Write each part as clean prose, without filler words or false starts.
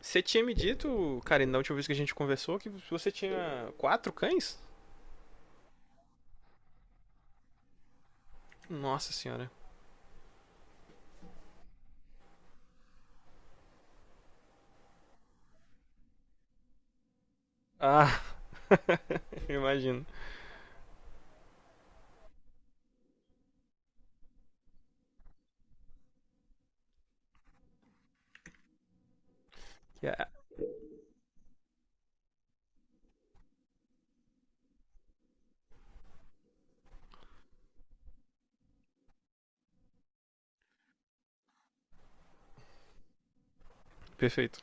Você tinha me dito, cara, na última vez que a gente conversou, que você tinha quatro cães? Nossa senhora. Ah, imagino. Yeah. Perfeito.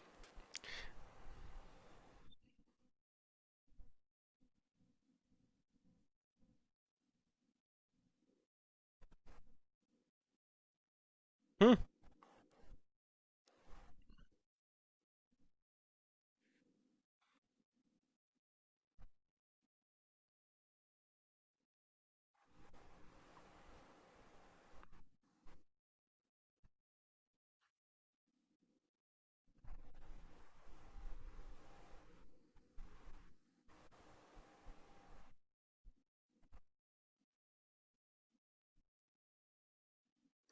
Hum,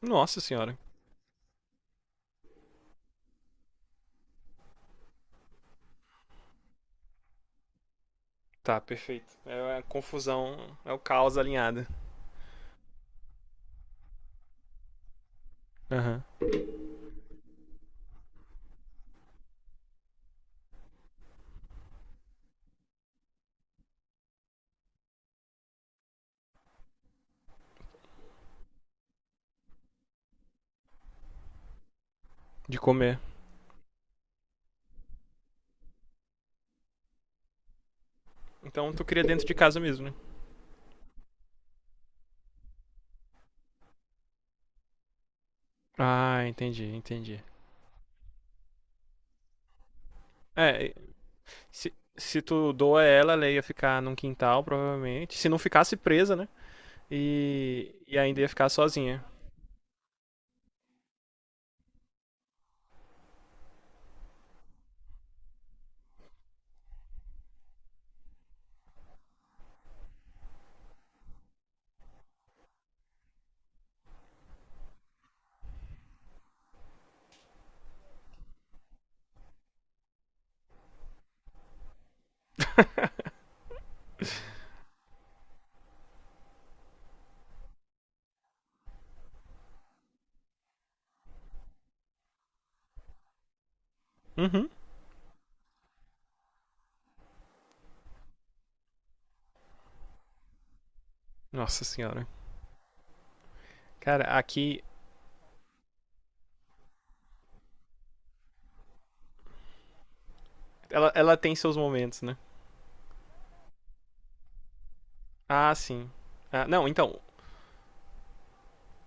nossa senhora. Tá, perfeito. É a confusão, é o caos alinhado. Aham. Uhum. De comer. Então tu cria dentro de casa mesmo, né? Ah, entendi, entendi. É, se, se tu doa ela ia ficar num quintal, provavelmente. Se não ficasse presa, né? E ainda ia ficar sozinha. Uhum. Nossa senhora. Cara, aqui. Ela tem seus momentos, né? Ah, sim. Ah, não, então,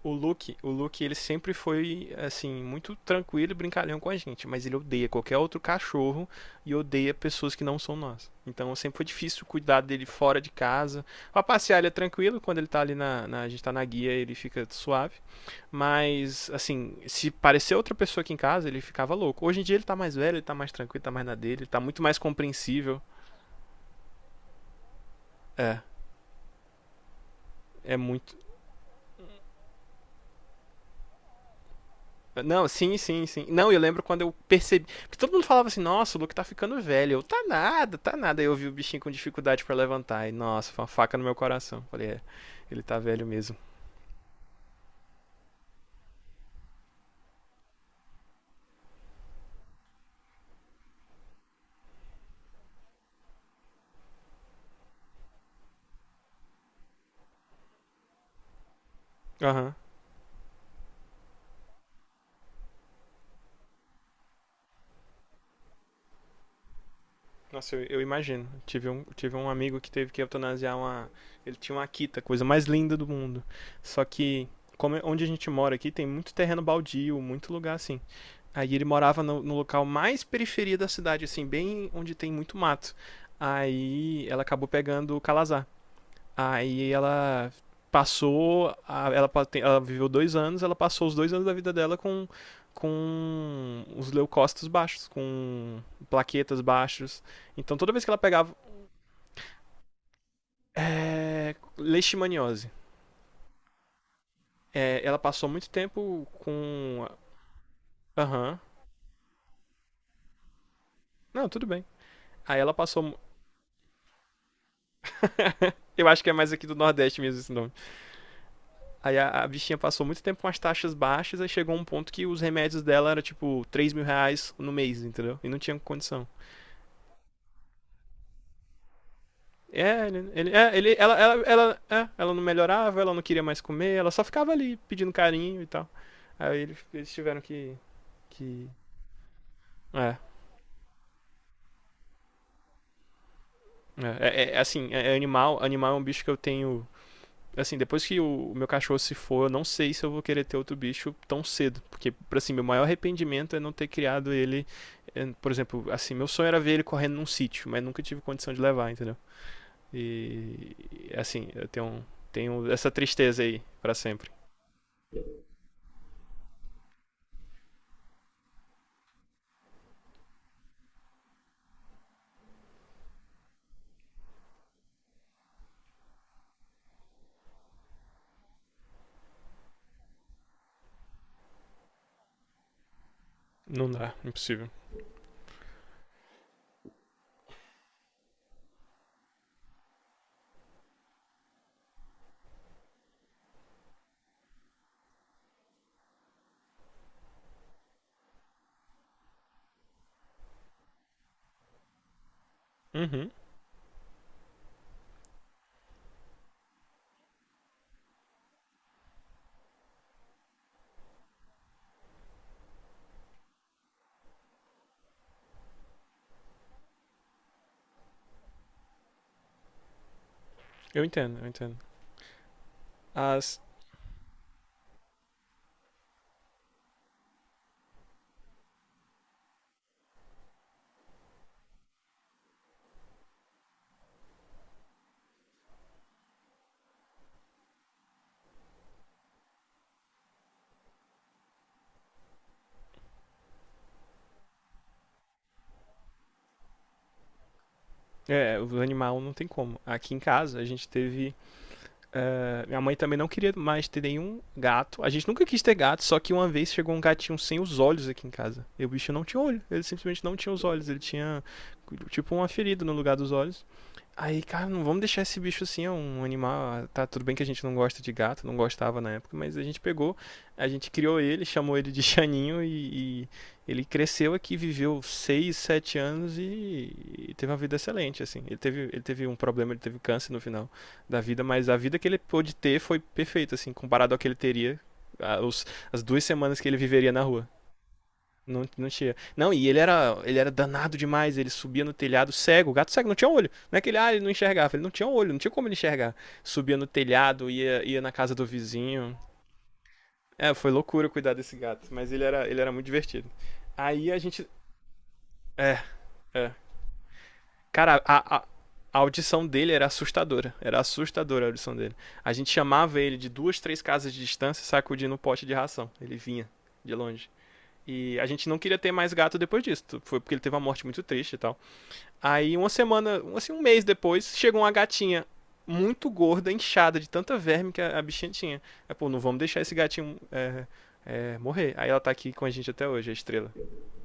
o Luke, ele sempre foi, assim, muito tranquilo e brincalhão com a gente, mas ele odeia qualquer outro cachorro e odeia pessoas que não são nós. Então sempre foi difícil cuidar dele fora de casa. Pra passear ele é tranquilo, quando ele tá ali. A gente tá na guia, ele fica suave. Mas, assim, se parecer outra pessoa aqui em casa, ele ficava louco. Hoje em dia ele tá mais velho, ele tá mais tranquilo, tá mais na dele, ele tá muito mais compreensível. É, é muito. Não, sim, sim, sim. Não, eu lembro quando eu percebi. Porque todo mundo falava assim, nossa, o Luke tá ficando velho. Eu, tá nada, tá nada. Aí eu vi o bichinho com dificuldade pra levantar. E, nossa, foi uma faca no meu coração. Falei, é, ele tá velho mesmo. Aham. Nossa, eu imagino. Tive um amigo que teve que eutanasiar uma. Ele tinha uma Akita, a coisa mais linda do mundo. Só que, como, onde a gente mora aqui, tem muito terreno baldio, muito lugar assim. Aí ele morava no local mais periferia da cidade, assim, bem onde tem muito mato. Aí ela acabou pegando o Calazar. Aí ela passou, a- ela, pa- tem- ela viveu dois anos, ela passou os dois anos da vida dela com, os leucócitos baixos, com plaquetas baixos. Então toda vez que ela pegava leishmaniose, ela passou muito tempo com. Aham, não, tudo bem. Aí ela passou. Eu acho que é mais aqui do Nordeste mesmo esse nome. Aí a bichinha passou muito tempo com as taxas baixas, aí chegou um ponto que os remédios dela eram tipo R$ 3.000 no mês, entendeu? E não tinha condição. É, ele, é, ele ela não melhorava, ela não queria mais comer, ela só ficava ali pedindo carinho e tal. Aí eles tiveram que. Que. É, assim, animal é um bicho que eu tenho assim, depois que meu cachorro se for, eu não sei se eu vou querer ter outro bicho tão cedo. Porque, assim, meu maior arrependimento é não ter criado ele. Por exemplo, assim, meu sonho era ver ele correndo num sítio, mas nunca tive condição de levar, entendeu? E, assim, eu tenho essa tristeza aí pra sempre. Não dá, impossível. Uhum, eu entendo, eu entendo. As. É, o animal não tem como. Aqui em casa a gente teve. É, minha mãe também não queria mais ter nenhum gato. A gente nunca quis ter gato, só que uma vez chegou um gatinho sem os olhos aqui em casa. E o bicho não tinha olho. Ele simplesmente não tinha os olhos. Ele tinha, tipo, uma ferida no lugar dos olhos. Aí, cara, não vamos deixar esse bicho assim, é um animal. Tá, tudo bem que a gente não gosta de gato, não gostava na época, mas a gente pegou, a gente criou ele, chamou ele de Chaninho e ele cresceu aqui, viveu 6 7 anos e teve uma vida excelente, assim. Ele teve um problema, ele teve câncer no final da vida, mas a vida que ele pôde ter foi perfeita, assim, comparado ao que ele teria, a- os- as duas semanas que ele viveria na rua. Não, não tinha. Não, e ele era danado demais, ele subia no telhado cego, o gato cego, não tinha olho. Não é que ele não enxergava, ele não tinha olho, não tinha como ele enxergar. Subia no telhado, ia na casa do vizinho. É, foi loucura cuidar desse gato, mas ele era muito divertido. Aí a gente. É, é. Cara, a audição dele era assustadora. Era assustadora a audição dele. A gente chamava ele de duas, três casas de distância, sacudindo um pote de ração. Ele vinha de longe. E a gente não queria ter mais gato depois disso. Foi porque ele teve uma morte muito triste e tal. Aí uma semana, assim, um mês depois, chegou uma gatinha muito gorda, inchada de tanta verme que a bichinha tinha. Aí, pô, não vamos deixar esse gatinho morrer. Aí ela tá aqui com a gente até hoje, a estrela.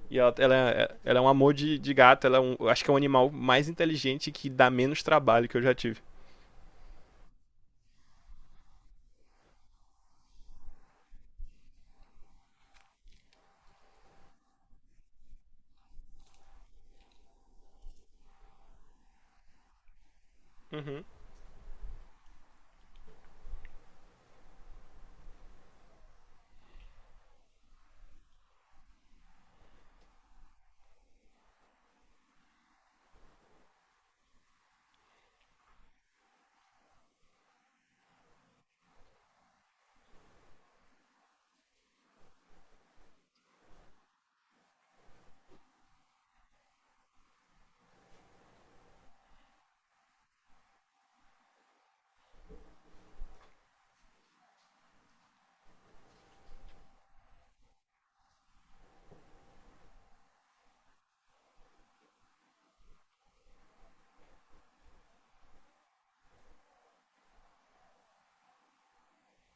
E ela é um amor de gato, acho que é um animal mais inteligente que dá menos trabalho que eu já tive. Uhum.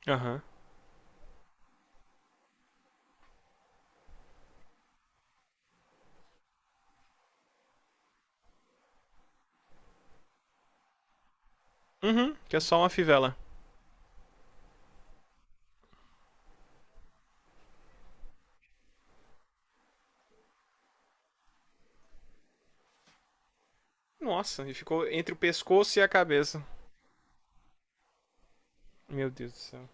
Aham. Uhum. Uhum, que é só uma fivela. Nossa, e ficou entre o pescoço e a cabeça. Meu Deus do céu.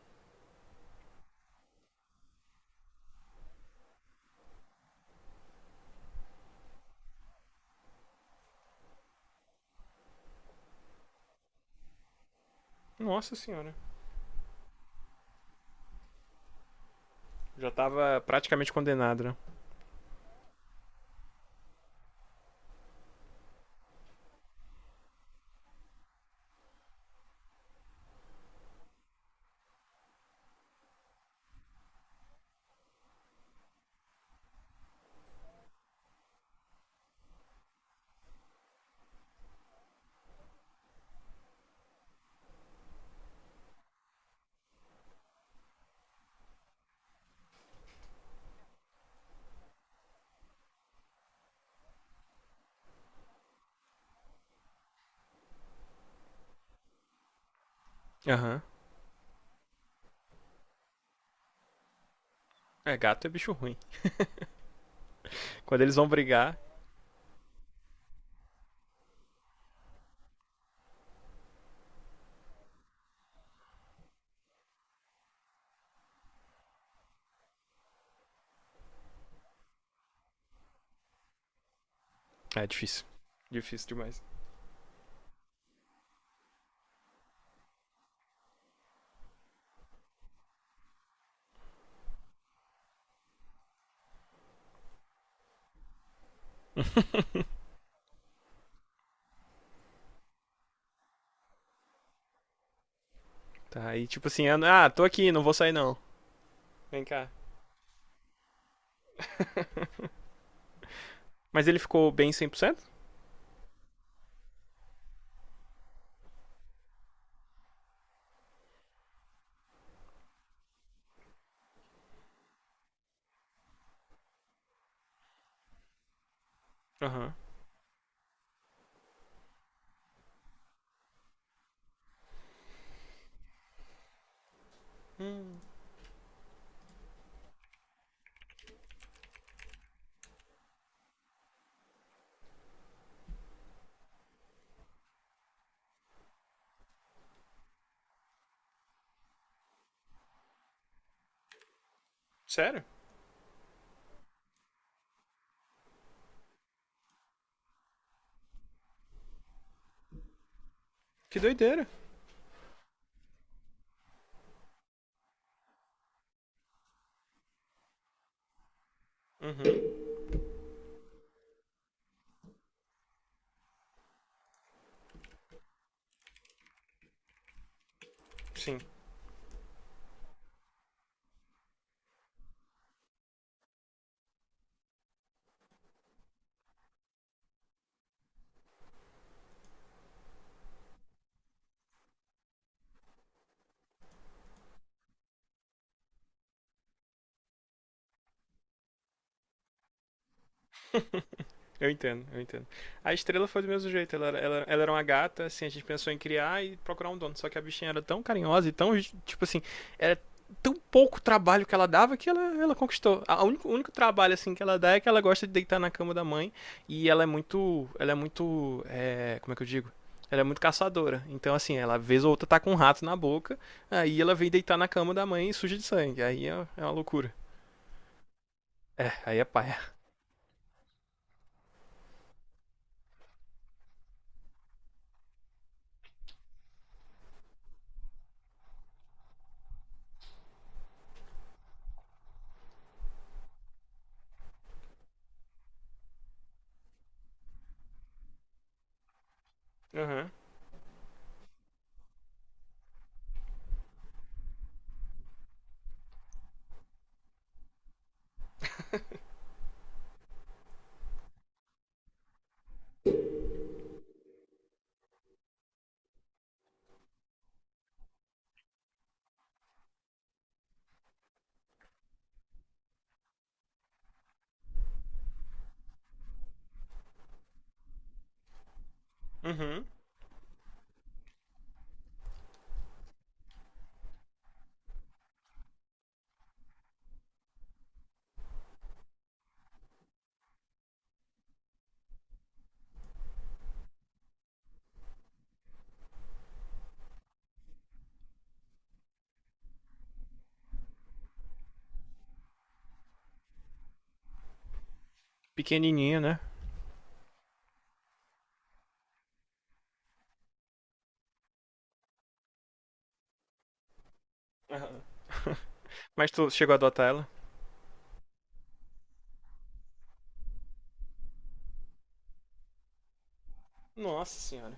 Nossa senhora. Já tava praticamente condenado, né? Aham. Uhum. É, gato é bicho ruim. Quando eles vão brigar, é difícil. Difícil demais. Tá, aí tipo assim, ah, tô aqui, não vou sair não. Vem cá. Mas ele ficou bem 100%? Aham. Uhum. Sério? Que doideira. Sim. Eu entendo, eu entendo. A estrela foi do mesmo jeito, ela era uma gata, assim, a gente pensou em criar e procurar um dono. Só que a bichinha era tão carinhosa e tão, tipo assim, era tão pouco trabalho que ela dava que ela conquistou. O único trabalho, assim, que ela dá é que ela gosta de deitar na cama da mãe e ela é muito, como é que eu digo? Ela é muito caçadora. Então, assim, ela vez ou outra tá com um rato na boca, aí ela vem deitar na cama da mãe e suja de sangue. Aí é uma loucura. É, aí é paia. Aham, uhum. Pequenininha, né? Aham. Mas tu chegou a adotar ela? Nossa senhora.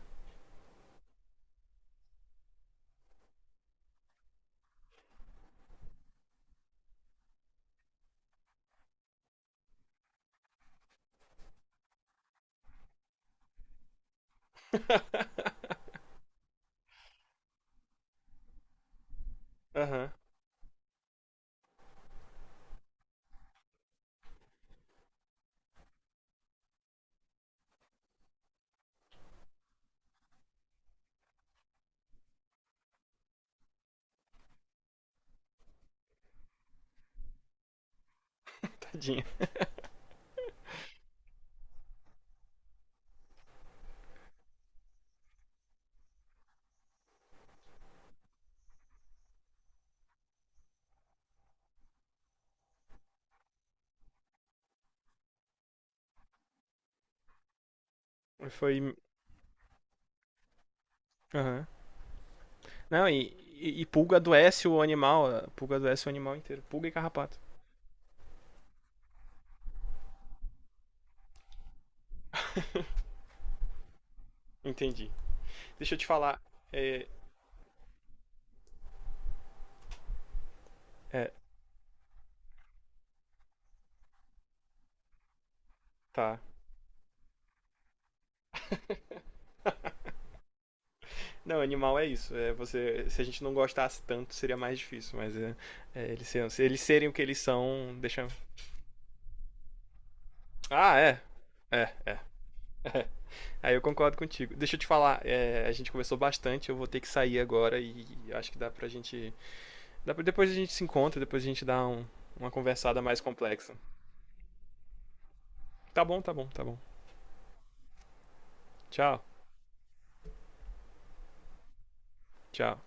Aham, uhum. Tadinha. Foi. Aham. Uhum. Não, e pulga adoece o animal. A Pulga adoece o animal inteiro. Pulga e carrapato. Entendi. Deixa eu te falar. É. É, tá. Não, animal é isso. É você, se a gente não gostasse tanto, seria mais difícil, mas se eles serem o que eles são, deixa. Ah, é. É, é. Aí eu concordo contigo. Deixa eu te falar, a gente conversou bastante, eu vou ter que sair agora e acho que dá pra gente. Depois a gente se encontra, depois a gente dá uma conversada mais complexa. Tá bom, tá bom, tá bom. Tchau, tchau.